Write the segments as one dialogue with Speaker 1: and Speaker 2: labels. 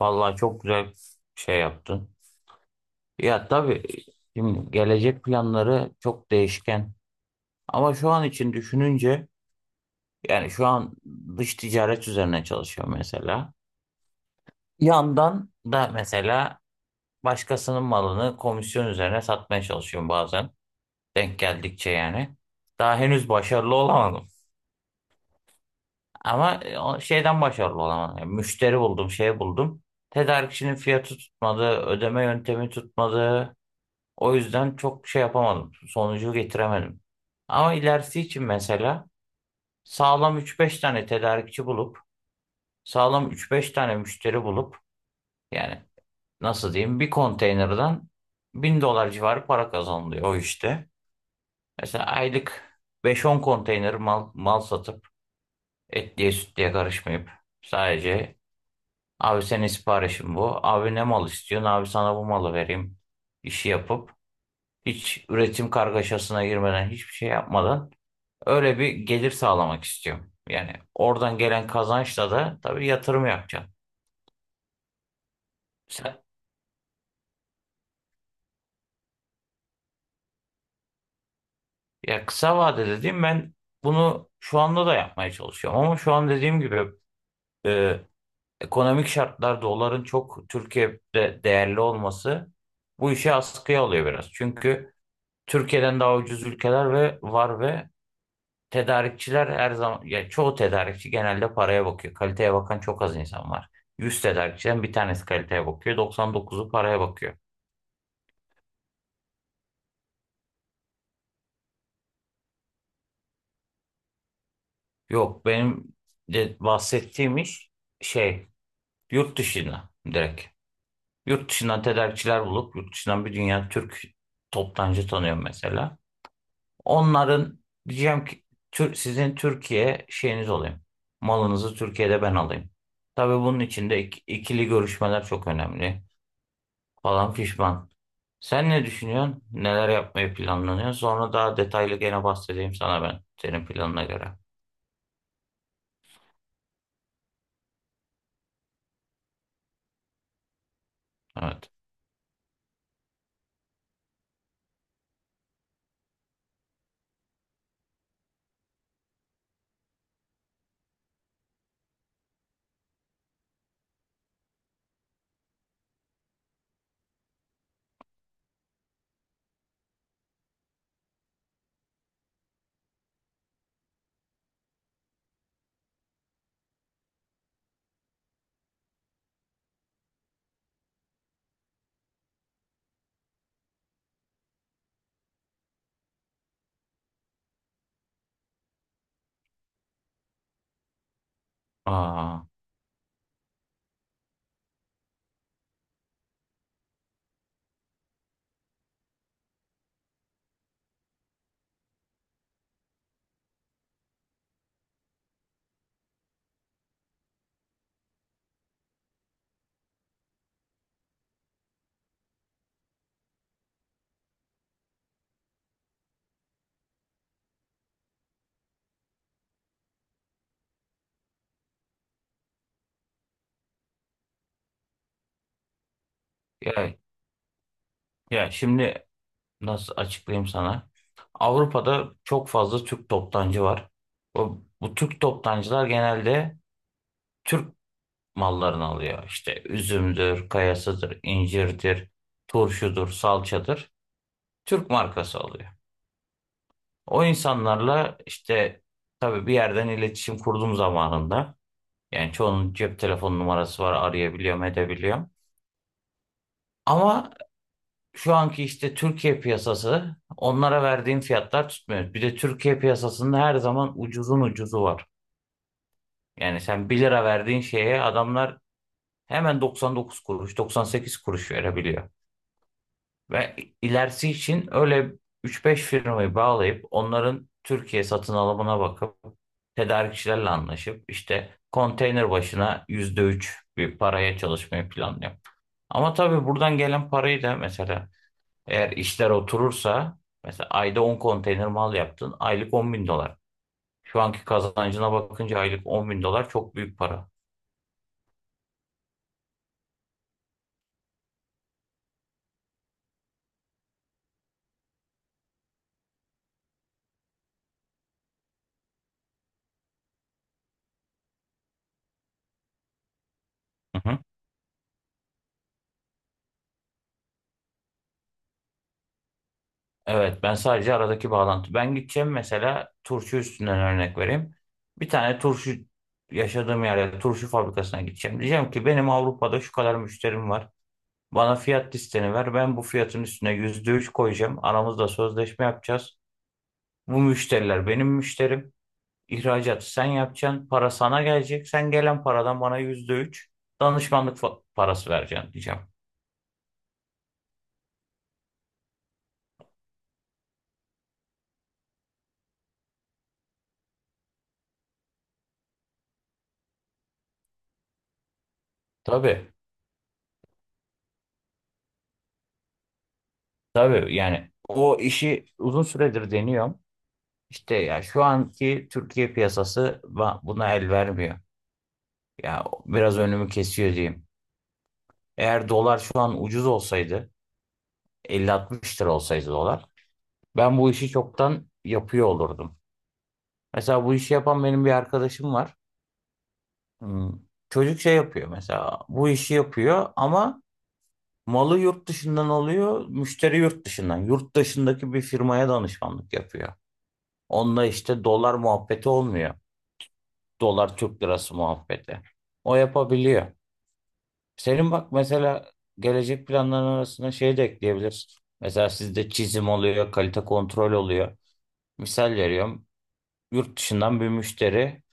Speaker 1: Vallahi çok güzel şey yaptın. Ya tabii şimdi gelecek planları çok değişken. Ama şu an için düşününce yani şu an dış ticaret üzerine çalışıyorum mesela. Yandan da mesela başkasının malını komisyon üzerine satmaya çalışıyorum bazen. Denk geldikçe yani. Daha henüz başarılı olamadım. Ama o şeyden başarılı olamadım. Yani müşteri buldum, şey buldum. Tedarikçinin fiyatı tutmadı, ödeme yöntemi tutmadı. O yüzden çok şey yapamadım. Sonucu getiremedim. Ama ilerisi için mesela sağlam üç beş tane tedarikçi bulup sağlam üç beş tane müşteri bulup yani nasıl diyeyim bir konteynerden 1.000 dolar civarı para kazanılıyor o işte. Mesela aylık beş on konteyner mal satıp etliye sütlüye karışmayıp sadece abi senin siparişin bu. Abi ne mal istiyorsun? Abi sana bu malı vereyim, işi yapıp hiç üretim kargaşasına girmeden hiçbir şey yapmadan öyle bir gelir sağlamak istiyorum. Yani oradan gelen kazançla da tabii yatırım yapacağım. Sen- Ya kısa vade dediğim ben bunu şu anda da yapmaya çalışıyorum. Ama şu an dediğim gibi e, ekonomik şartlar doların çok Türkiye'de değerli olması bu işi askıya alıyor biraz. Çünkü Türkiye'den daha ucuz ülkeler ve var ve tedarikçiler her zaman ya çoğu tedarikçi genelde paraya bakıyor. Kaliteye bakan çok az insan var. 100 tedarikçiden bir tanesi kaliteye bakıyor. 99'u paraya bakıyor. Yok benim de bahsettiğim iş şey yurt dışına direkt. Yurt dışından tedarikçiler bulup yurt dışından bir dünya Türk toptancı tanıyorum mesela. Onların diyeceğim ki sizin Türkiye şeyiniz olayım. Malınızı Türkiye'de ben alayım. Tabii bunun için de ikili görüşmeler çok önemli falan fişman. Sen ne düşünüyorsun? Neler yapmayı planlanıyor? Sonra daha detaylı gene bahsedeyim sana ben senin planına göre. Evet. Aa, ya Ya şimdi nasıl açıklayayım sana? Avrupa'da çok fazla Türk toptancı var. Bu Türk toptancılar genelde Türk mallarını alıyor. İşte üzümdür, kayasıdır, incirdir, turşudur, salçadır. Türk markası alıyor. O insanlarla işte tabii bir yerden iletişim kurduğum zamanında yani çoğunun cep telefon numarası var arayabiliyorum edebiliyorum. Ama şu anki işte Türkiye piyasası onlara verdiğin fiyatlar tutmuyor. Bir de Türkiye piyasasında her zaman ucuzun ucuzu var. Yani sen bir lira verdiğin şeye adamlar hemen 99 kuruş, 98 kuruş verebiliyor. Ve ilerisi için öyle 3-5 firmayı bağlayıp onların Türkiye satın alımına bakıp tedarikçilerle anlaşıp işte konteyner başına %3 bir paraya çalışmayı planlıyor. Ama tabii buradan gelen parayı da mesela eğer işler oturursa mesela ayda 10 konteyner mal yaptın aylık 10.000 dolar. Şu anki kazancına bakınca aylık 10.000 dolar çok büyük para. Hı hı. Evet ben sadece aradaki bağlantı. Ben gideceğim mesela turşu üstünden örnek vereyim. Bir tane turşu yaşadığım yerde turşu fabrikasına gideceğim. Diyeceğim ki benim Avrupa'da şu kadar müşterim var. Bana fiyat listeni ver. Ben bu fiyatın üstüne %3 koyacağım. Aramızda sözleşme yapacağız. Bu müşteriler benim müşterim. İhracatı sen yapacaksın. Para sana gelecek. Sen gelen paradan bana %3 danışmanlık parası vereceksin diyeceğim. Tabii. Tabii yani o işi uzun süredir deniyorum. İşte ya şu anki Türkiye piyasası buna el vermiyor. Ya biraz önümü kesiyor diyeyim. Eğer dolar şu an ucuz olsaydı 50-60 lira olsaydı dolar ben bu işi çoktan yapıyor olurdum. Mesela bu işi yapan benim bir arkadaşım var. Hmm, Çocuk şey yapıyor mesela bu işi yapıyor ama malı yurt dışından alıyor, müşteri yurt dışından. Yurt dışındaki bir firmaya danışmanlık yapıyor. Onunla işte dolar muhabbeti olmuyor. Dolar Türk lirası muhabbeti. O yapabiliyor. Senin bak mesela gelecek planların arasında şey de ekleyebilirsin. Mesela sizde çizim oluyor, kalite kontrol oluyor. Misal veriyorum. Yurt dışından bir müşteri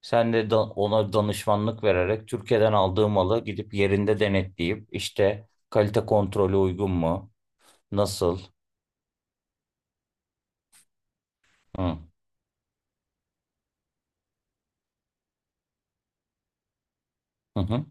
Speaker 1: sen de ona danışmanlık vererek Türkiye'den aldığı malı gidip yerinde denetleyip işte kalite kontrolü uygun mu? Nasıl? Hı. Hı hı.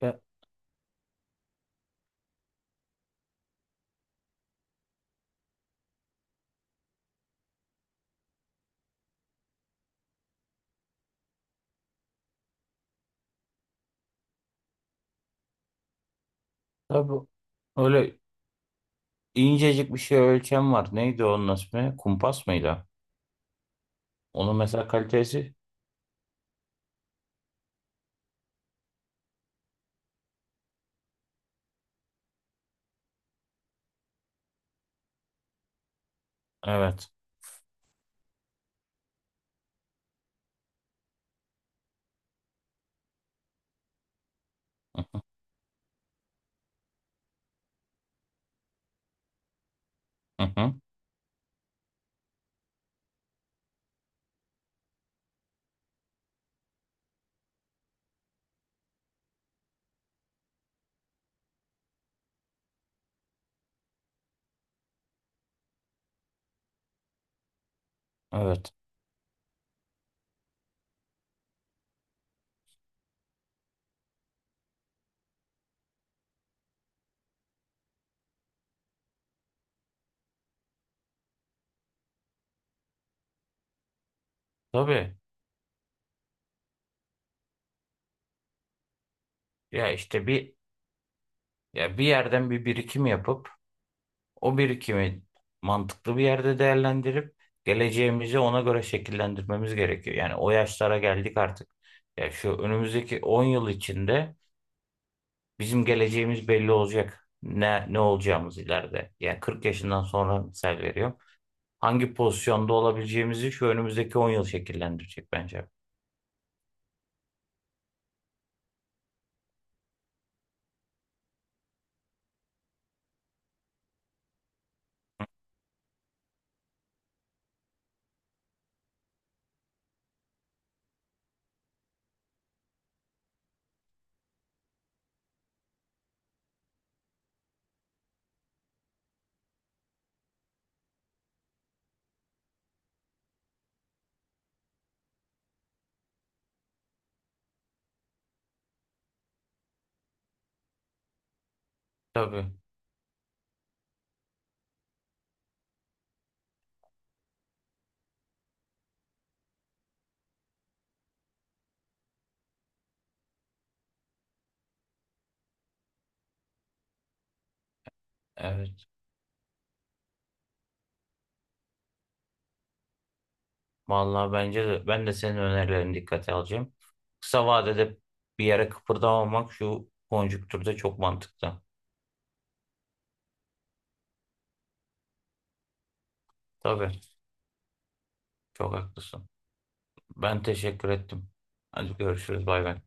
Speaker 1: Ya, tabii öyle incecik bir şey ölçem var. Neydi onun ismi? Kumpas mıydı? Onun mesela kalitesi. Evet. Hı hı. Evet. Tabii. Ya işte bir ya bir yerden bir birikim yapıp o birikimi mantıklı bir yerde değerlendirip geleceğimizi ona göre şekillendirmemiz gerekiyor. Yani o yaşlara geldik artık. Ya şu önümüzdeki 10 yıl içinde bizim geleceğimiz belli olacak. Ne olacağımız ileride. Yani 40 yaşından sonra misal veriyorum, hangi pozisyonda olabileceğimizi şu önümüzdeki 10 yıl şekillendirecek bence. Tabii. Evet. Vallahi bence de ben de senin önerilerini dikkate alacağım. Kısa vadede bir yere kıpırdamamak şu konjüktürde çok mantıklı. Tabii. Çok haklısın. Ben teşekkür ettim. Hadi görüşürüz. Bay bay.